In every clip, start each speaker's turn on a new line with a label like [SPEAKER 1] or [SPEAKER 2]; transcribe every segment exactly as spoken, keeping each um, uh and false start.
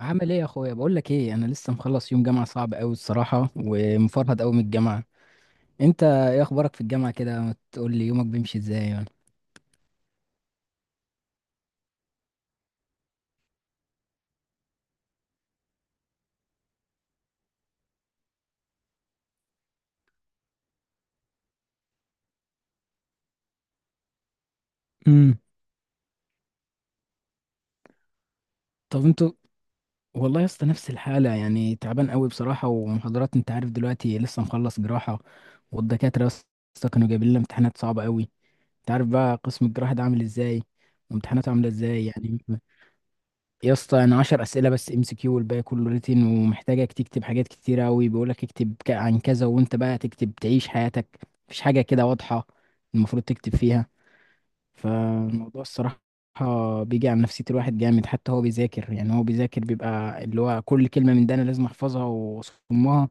[SPEAKER 1] عامل ايه يا اخويا؟ بقول لك ايه، انا لسه مخلص يوم جامعه صعب قوي الصراحه، ومفرهد قوي من الجامعه. انت ايه اخبارك في الجامعه كده؟ ما تقول لي يومك بيمشي ازاي يعني؟ امم طب انتوا؟ والله يا اسطى نفس الحاله، يعني تعبان قوي بصراحه، ومحاضرات، انت عارف دلوقتي لسه مخلص جراحه، والدكاتره يا اسطى كانوا جايبين لنا امتحانات صعبه قوي. انت عارف بقى قسم الجراحه ده عامل ازاي، وامتحاناته عامله ازاي يعني؟ يا اسطى انا عشرة اسئله بس ام سي كيو، والباقي كله ريتن، ومحتاجك تكتب حاجات كتير قوي. بيقول لك اكتب ك- عن كذا، وانت بقى تكتب تعيش حياتك. مفيش حاجه كده واضحه المفروض تكتب فيها. فالموضوع الصراحه بيجي على نفسيه الواحد جامد، حتى هو بيذاكر، يعني هو بيذاكر بيبقى اللي هو كل كلمه من ده انا لازم احفظها واصمها.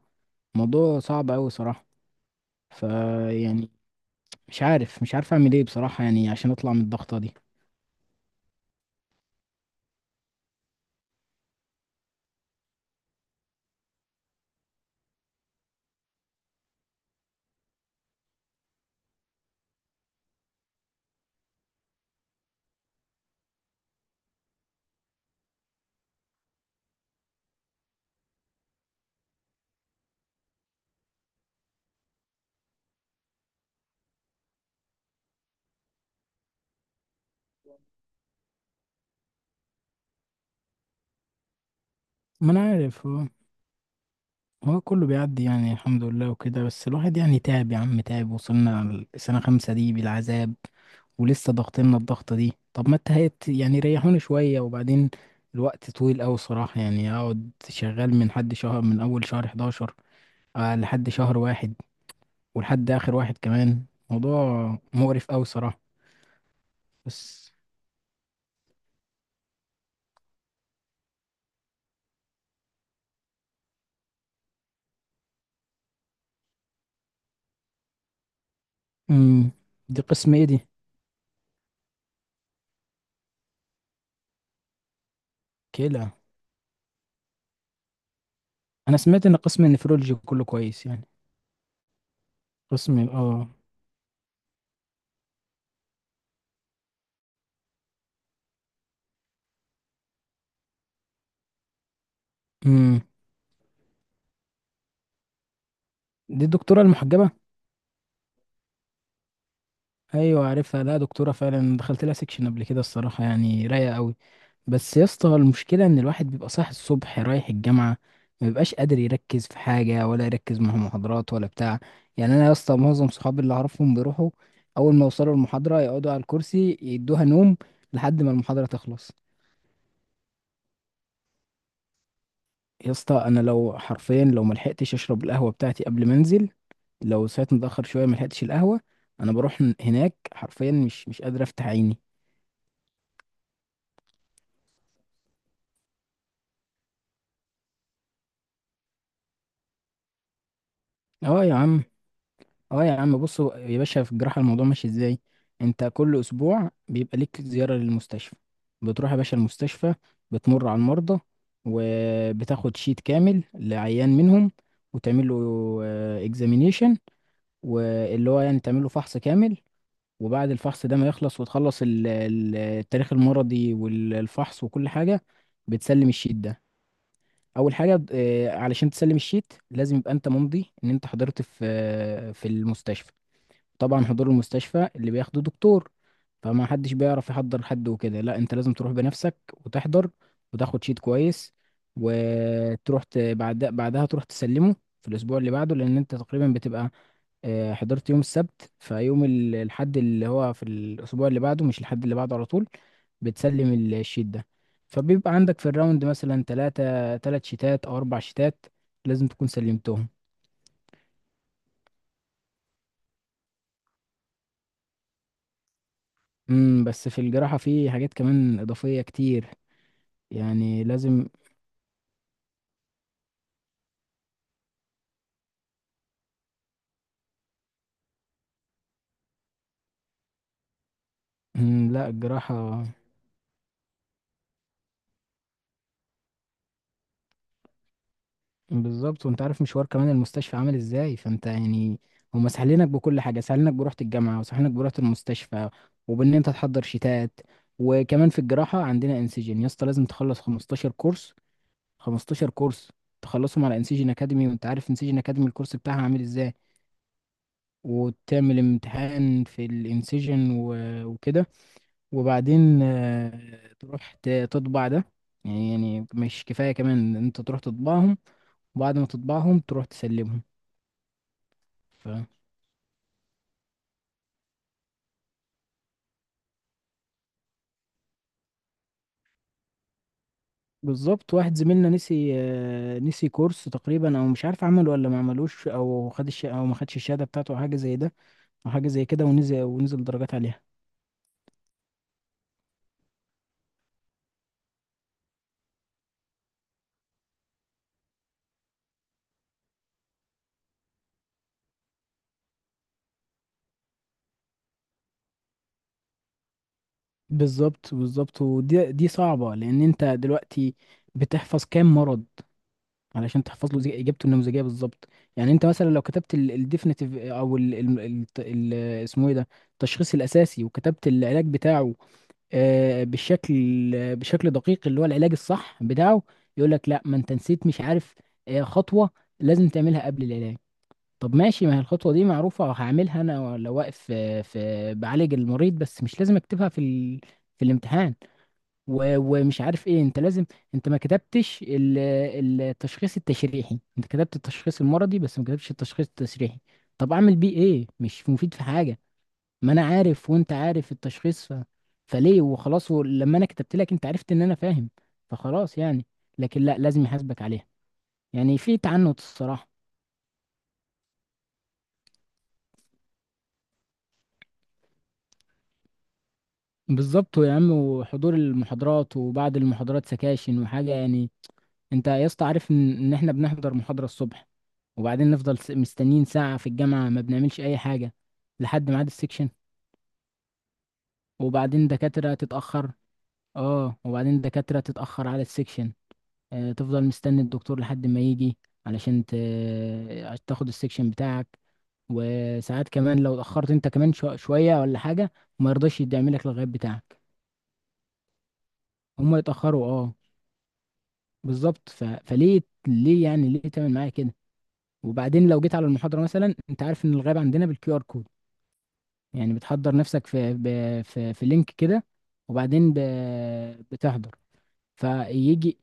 [SPEAKER 1] موضوع صعب قوي صراحه، فيعني مش عارف مش عارف اعمل ايه بصراحه، يعني عشان اطلع من الضغطه دي. ما انا عارف، هو كله بيعدي يعني الحمد لله وكده. بس الواحد يعني تعب يا عم، تعب. وصلنا لسنة خمسة دي بالعذاب، ولسه ضاغطيننا الضغطة دي. طب ما التهيت يعني، ريحوني شوية، وبعدين الوقت طويل أوي صراحة، يعني أقعد شغال من حد شهر، من أول شهر حداشر آه، لحد شهر واحد، ولحد آخر واحد كمان. موضوع مقرف أوي صراحة. بس مم. دي قسم إيه دي؟ كلى. أنا سمعت إن قسم النفرولوجي كله كويس يعني. قسم ال-، اه مم. دي الدكتورة المحجبة؟ ايوه عارفها، لا دكتوره فعلا، دخلت لها سكشن قبل كده الصراحه، يعني رايقه قوي. بس يا اسطى المشكله ان الواحد بيبقى صاحي الصبح رايح الجامعه، ما بيبقاش قادر يركز في حاجه، ولا يركز مع محاضرات ولا بتاع. يعني انا يا اسطى معظم صحابي اللي اعرفهم بيروحوا اول ما يوصلوا المحاضره يقعدوا على الكرسي يدوها نوم لحد ما المحاضره تخلص. يا اسطى انا لو حرفيا، لو ملحقتش اشرب القهوه بتاعتي قبل ما انزل، لو صحيت متاخر شويه ملحقتش القهوه، انا بروح هناك حرفيا مش مش قادر افتح عيني. اه يا عم، اه يا عم، بص هو- يا باشا، في الجراحة الموضوع ماشي ازاي، انت كل اسبوع بيبقى ليك زيارة للمستشفى، بتروح يا باشا المستشفى، بتمر على المرضى، وبتاخد شيت كامل لعيان منهم، وتعمل له اكزامينيشن، واللي هو يعني تعمل له فحص كامل. وبعد الفحص ده ما يخلص وتخلص ال- ال- التاريخ المرضي والفحص وكل حاجة، بتسلم الشيت ده. اول حاجة، آه، علشان تسلم الشيت لازم يبقى انت ممضي ان انت حضرت في آه، في المستشفى. طبعا حضور المستشفى اللي بياخده دكتور، فما حدش بيعرف يحضر حد وكده، لا انت لازم تروح بنفسك وتحضر، وتاخد شيت كويس، وتروح ت- بعد بعدها تروح تسلمه في الاسبوع اللي بعده، لان انت تقريبا بتبقى آه، حضرت يوم السبت، فيوم ال- الحد اللي هو في الاسبوع اللي بعده، مش الحد اللي بعده على طول، بتسلم ال- الشيت ده. فبيبقى عندك في الراوند مثلا ثلاثة ثلاث شيتات او اربع شيتات، لازم تكون سلمتهم. امم، بس في الجراحة في حاجات كمان إضافية كتير. يعني لازم مم، لا، الجراحة بالظبط، وانت عارف مشوار كمان المستشفى عامل ازاي، فانت يعني هما سهلينك بكل حاجة، سهلينك بروحة الجامعة، وسهلينك بروحة المستشفى، وبان انت تحضر شتات. وكمان في الجراحة عندنا انسجين يا اسطى، لازم تخلص خمستاشر كورس، خمستاشر كورس تخلصهم على انسجين اكاديمي، وانت عارف انسجين اكاديمي الكورس بتاعها عامل ازاي، وتعمل امتحان في الانسجين و- وكده، وبعدين آه، تروح ت- تطبع ده. يعني يعني مش كفاية كمان إن انت تروح تطبعهم، وبعد ما تطبعهم تروح تسلمهم. ف بالظبط، واحد زميلنا نسي آه، نسي كورس تقريبا، او مش عارف عمله ولا ما عملوش، او خد الش... او ما خدش الشهادة بتاعته، او حاجة زي ده او حاجة زي كده، ونزل ونزل درجات عليها. بالظبط بالظبط، ودي دي صعبة، لان انت دلوقتي بتحفظ كام مرض علشان تحفظ له زي- اجابته النموذجيه بالظبط. يعني انت مثلا لو كتبت الديفينيتيف، او ال ال ال ال اسمه ايه ده التشخيص الاساسي، وكتبت العلاج بتاعه، آه، بالشكل بشكل دقيق، اللي هو العلاج الصح بتاعه، يقول لك لا، ما انت نسيت، مش عارف، آه، خطوه لازم تعملها قبل العلاج. طب ماشي، ما هي الخطوه دي معروفه هعملها انا لو واقف في في- بعالج المريض، بس مش لازم اكتبها في ال في الامتحان. و- ومش عارف ايه، انت لازم انت ما كتبتش ال- التشخيص التشريحي، انت كتبت التشخيص المرضي، بس ما كتبتش التشخيص التشريحي. طب اعمل بيه ايه، مش مفيد في حاجة. ما انا عارف، وانت عارف التشخيص. ف... فليه؟ وخلاص، لما انا كتبت لك انت عرفت ان انا فاهم، فخلاص يعني. لكن لا، لازم يحاسبك عليها، يعني في تعنت الصراحة. بالظبط يا عم، وحضور المحاضرات، وبعد المحاضرات سكاشن وحاجة يعني. انت يا اسطى عارف ان ان احنا بنحضر محاضرة الصبح، وبعدين نفضل س- مستنيين ساعة في الجامعة ما بنعملش اي حاجة لحد ميعاد السكشن. وبعدين دكاترة تتأخر اه وبعدين دكاترة تتأخر على السكشن. اه، تفضل مستني الدكتور لحد ما يجي، علشان ت... عشان تاخد السكشن بتاعك. وساعات كمان لو اتأخرت انت كمان شو... شوية ولا حاجة، ما يرضاش يدعم لك الغياب بتاعك. هما يتأخروا، اه. بالظبط. ف... فليه؟ ليه يعني؟ ليه تعمل معايا كده؟ وبعدين لو جيت على المحاضرة مثلا، انت عارف ان الغاب عندنا بالكيو ار كود، يعني بتحضر نفسك في ب- في في لينك كده، وبعدين ب- بتحضر فيجي.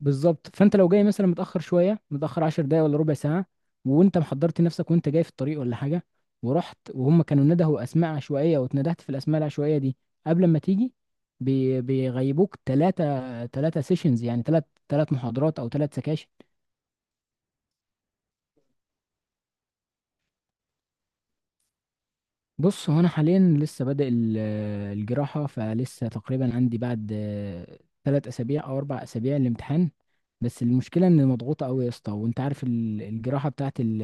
[SPEAKER 1] بالظبط، فانت لو جاي مثلا متأخر شوية، متأخر عشر دقايق ولا ربع ساعة، وانت محضرت نفسك وانت جاي في الطريق ولا حاجة، ورحت، وهم كانوا ندهوا اسماء عشوائية، واتندهت في الاسماء العشوائية دي قبل ما تيجي، بي- بيغيبوك ثلاثة ثلاثة سيشنز، يعني ثلاث ثلاث محاضرات او ثلاث سكاشن. بص هو انا حاليا لسه بادئ ال- الجراحه، فلسه تقريبا عندي بعد ثلاث اسابيع او اربع اسابيع الامتحان. بس المشكله ان مضغوطه قوي يا اسطى، وانت عارف ال- الجراحه بتاعت ال-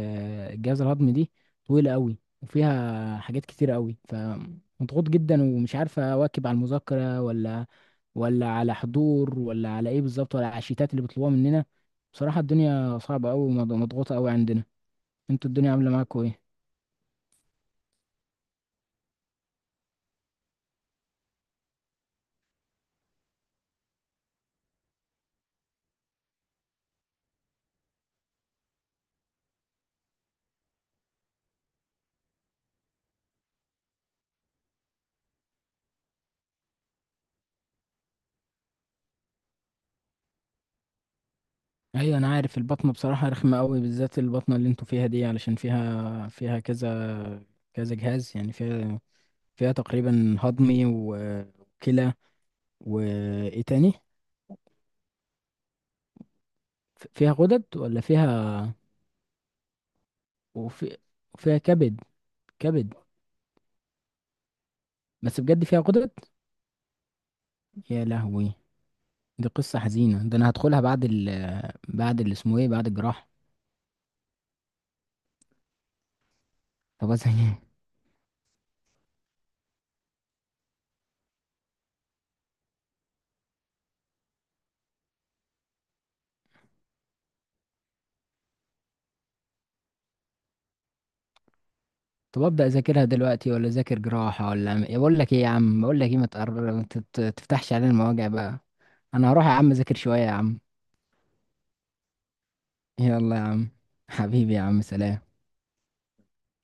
[SPEAKER 1] الجهاز الهضمي دي، طويله قوي وفيها حاجات كتير قوي، فمضغوط جدا ومش عارف اواكب على المذاكره ولا ولا على حضور، ولا على ايه بالظبط، ولا على الشيتات اللي بيطلبوها مننا. بصراحه الدنيا صعبه قوي ومضغوطه قوي عندنا. انتوا الدنيا عامله معاكم ايه؟ ايوه انا عارف، البطنه بصراحه رخمه قوي، بالذات البطنه اللي انتوا فيها دي، علشان فيها فيها كذا كذا جهاز، يعني فيها فيها تقريبا هضمي و- وكلى، وايه تاني؟ ف- فيها غدد ولا فيها، وفي وفيها كبد، كبد. بس بجد فيها غدد. يا لهوي، دي قصه حزينه، ده انا هدخلها بعد ال بعد اللي اسمه ايه، بعد الجراحه. طب ازاي؟ طب ابدا اذاكرها دلوقتي، ولا اذاكر جراحه، ولا أعمل- إيه؟ بقول لك ايه يا عم بقول لك ايه ما تقر... ما تت- تفتحش علينا المواجع بقى. انا هروح يا عم اذاكر شويه يا عم. يلا يا عم، حبيبي يا عم، سلام.